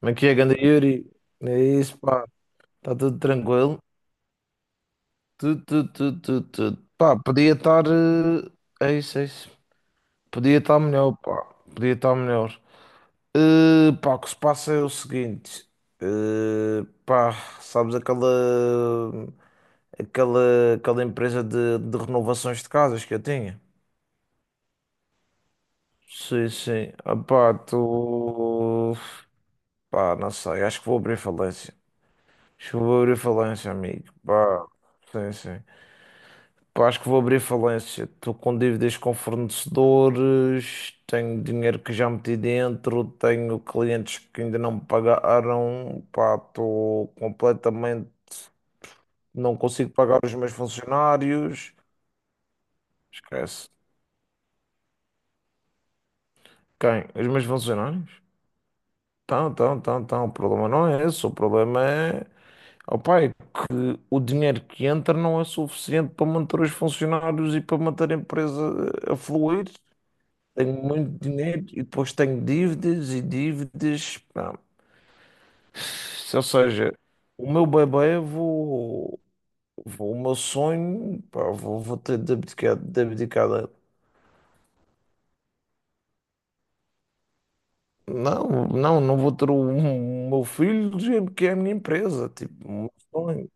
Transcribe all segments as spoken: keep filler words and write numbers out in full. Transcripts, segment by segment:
Como é que é, ganda Yuri? É isso, pá. Está tudo tranquilo? Tudo, tudo, tudo, tudo, tudo. Pá, podia estar. eh, É isso, é isso. Podia estar melhor, pá. Podia estar melhor. Eh, pá, o que se passa é o seguinte. Eh, pá, sabes aquela. Aquela, aquela empresa de, de renovações de casas que eu tinha? Sim, sim. Ah, pá, tu. Pá, não sei. Acho que vou abrir falência. Acho que vou abrir falência, amigo. Pá, sim, sim. Pá, acho que vou abrir falência. Estou com dívidas com fornecedores, tenho dinheiro que já meti dentro, tenho clientes que ainda não me pagaram. Pá, estou completamente. Não consigo pagar os meus funcionários. Esquece. Quem? Os meus funcionários? Então, então, então, então. O problema não é esse. O problema é. Ó pai, o dinheiro que entra não é suficiente para manter os funcionários e para manter a empresa a fluir. Tenho muito dinheiro e depois tenho dívidas e dívidas. Pá. Ou seja, o meu bebê, eu vou, vou, o meu sonho, pá, vou, vou ter de abdicar, de abdicar da- Não, não, não vou ter o, o meu filho, gente, que é a minha empresa. Tipo, o meu sonho.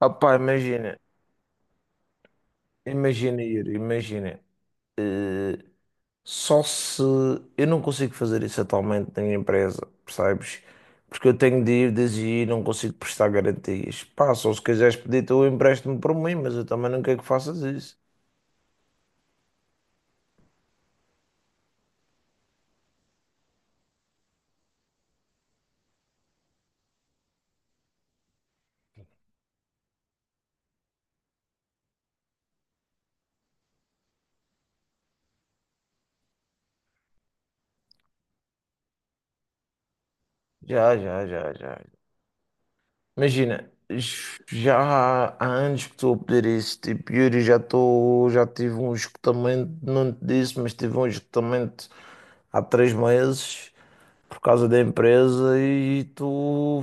Ah, pá, imagina, imagina ir, imagina. Só se eu não consigo fazer isso atualmente na minha empresa, percebes? Porque eu tenho de dívidas e não consigo prestar garantias. Pá, só se quiseres pedir tu empréstimo para mim, mas eu também não quero que faças isso. Já, já, já, já. Imagina, j- já há há anos que estou a pedir isso. Tipo, Yuri, já estou, já tive um esgotamento, não te disse, mas tive um esgotamento há três meses por causa da empresa e tu.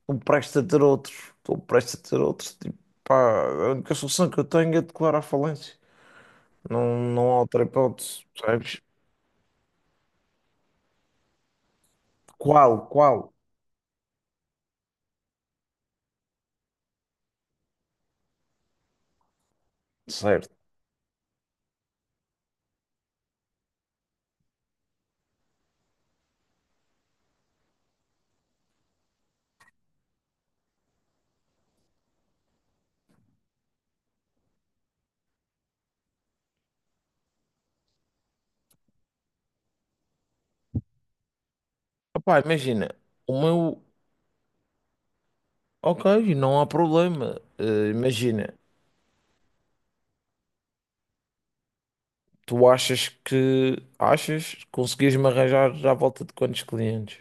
Estou prestes a ter outros. Estou prestes a ter outros. Tipo, pá, a única solução que eu tenho é declarar falência. Não, não há outra hipótese, percebes? Qual? Qual? Certo. Opá, imagina, o meu. Ok, não há problema. Eh, imagina, tu achas que. Achas conseguias-me arranjar à volta de quantos clientes?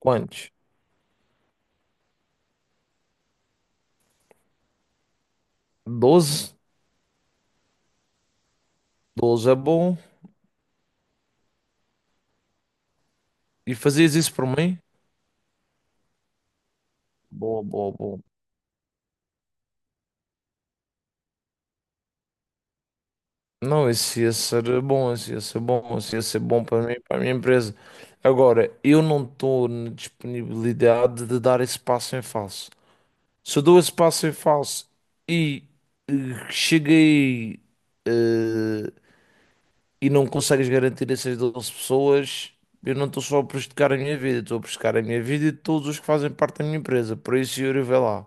Quantos? Doze, doze é bom. E fazias isso por mim? Boa, boa, boa. Não, isso ia ser bom, isso ia ser bom, isso ia ser bom para mim, para a minha empresa. Agora, eu não estou na disponibilidade de dar esse passo em falso. Se eu dou esse passo em falso e eh, cheguei eh, e não consegues garantir essas doze pessoas, eu não estou só a prejudicar a minha vida, estou a prejudicar a minha vida e de todos os que fazem parte da minha empresa. Por isso, Yuri, vê lá.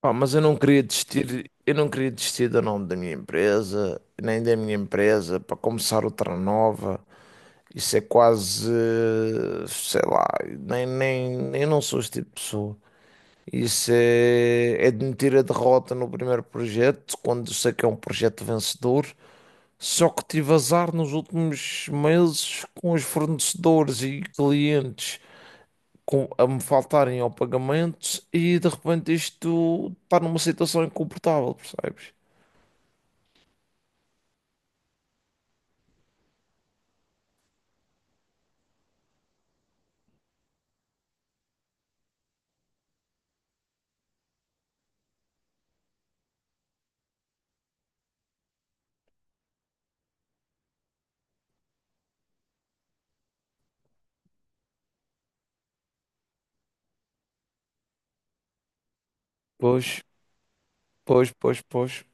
Pá, mas eu não queria desistir, eu não queria desistir do nome da minha empresa, nem da minha empresa, para começar outra nova. Isso é quase, eh, sei lá, nem, nem, eu não sou este tipo de pessoa. Isso é, é admitir a derrota no primeiro projeto, quando eu sei que é um projeto vencedor. Só que tive azar nos últimos meses com os fornecedores e clientes com- a me faltarem ao pagamento e de repente isto está numa situação incomportável, percebes? Pois, pois, pois, pois.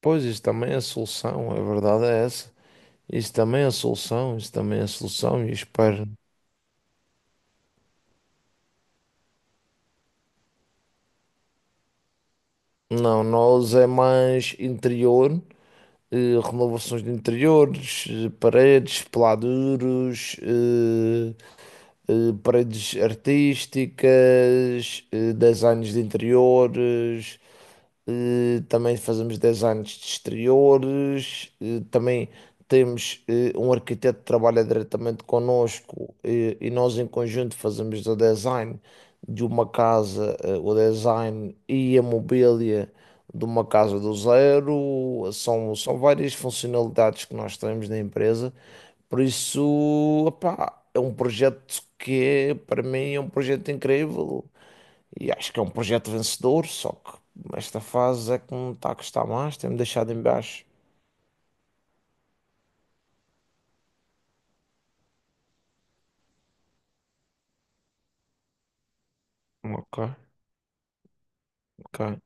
Pois, isso também é a solução, a verdade é essa. Isso também é a solução, isso também é a solução e espero. Não, nós é mais interior, eh, renovações de interiores, eh, paredes, peladuros, eh, eh, paredes artísticas, eh, designs de interiores, eh, também fazemos designs de exteriores, eh, também temos eh, um arquiteto que trabalha diretamente connosco eh, e nós em conjunto fazemos o design de uma casa, eh, o design e a mobília de uma casa do zero, são, são várias funcionalidades que nós temos na empresa, por isso, opá, é um projeto que para mim é um projeto incrível e acho que é um projeto vencedor, só que esta fase é que me está a custar mais, tem-me deixado em baixo. Ok, ok,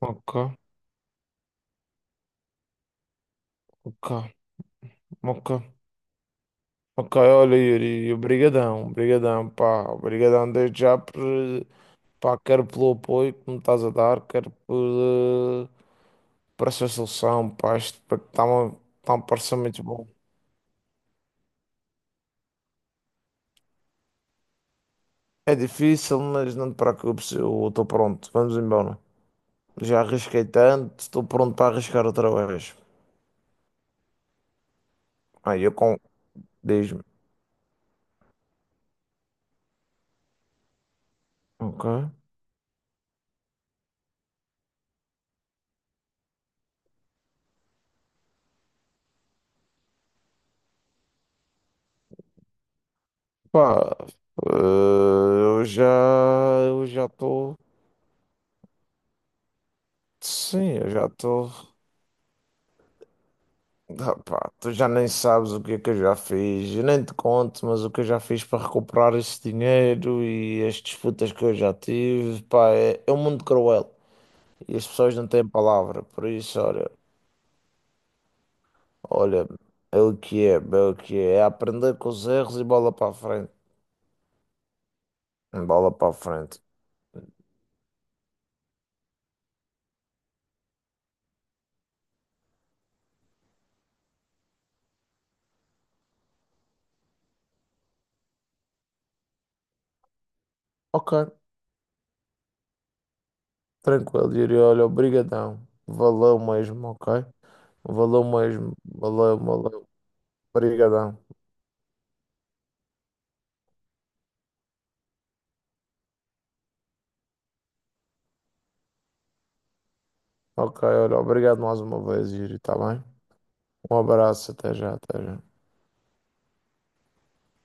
ok, ok, ok. Ok, olha, Yuri, obrigadão, obrigadão, pá, obrigadão desde já por, eh, pá, quero pelo apoio que me estás a dar, quero por, parece a solução, pá, isto está-me tá parecendo muito bom. É difícil, mas não te preocupes, eu estou pronto. Vamos embora. Já arrisquei tanto, estou pronto para arriscar outra vez. Aí eu com. Diz-me. Ok. Pá, eh, eu já. Eu já estou. Sim, eu já estou. Ah, pá, tu já nem sabes o que é que eu já fiz. Eu nem te conto, mas o que eu já fiz para recuperar esse dinheiro e as disputas que eu já tive, pá, é, é um mundo cruel. E as pessoas não têm palavra, por isso, olha, olha, é o que é, é o que é, é aprender com os erros e bola para a frente, bola para a frente. Ok, tranquilo, Yuri, olha, obrigadão, valeu mesmo, ok? Valeu mesmo, valeu, valeu, obrigadão. Ok, olha, obrigado mais uma vez, Yuri, tá bem? Um abraço, até já, até já.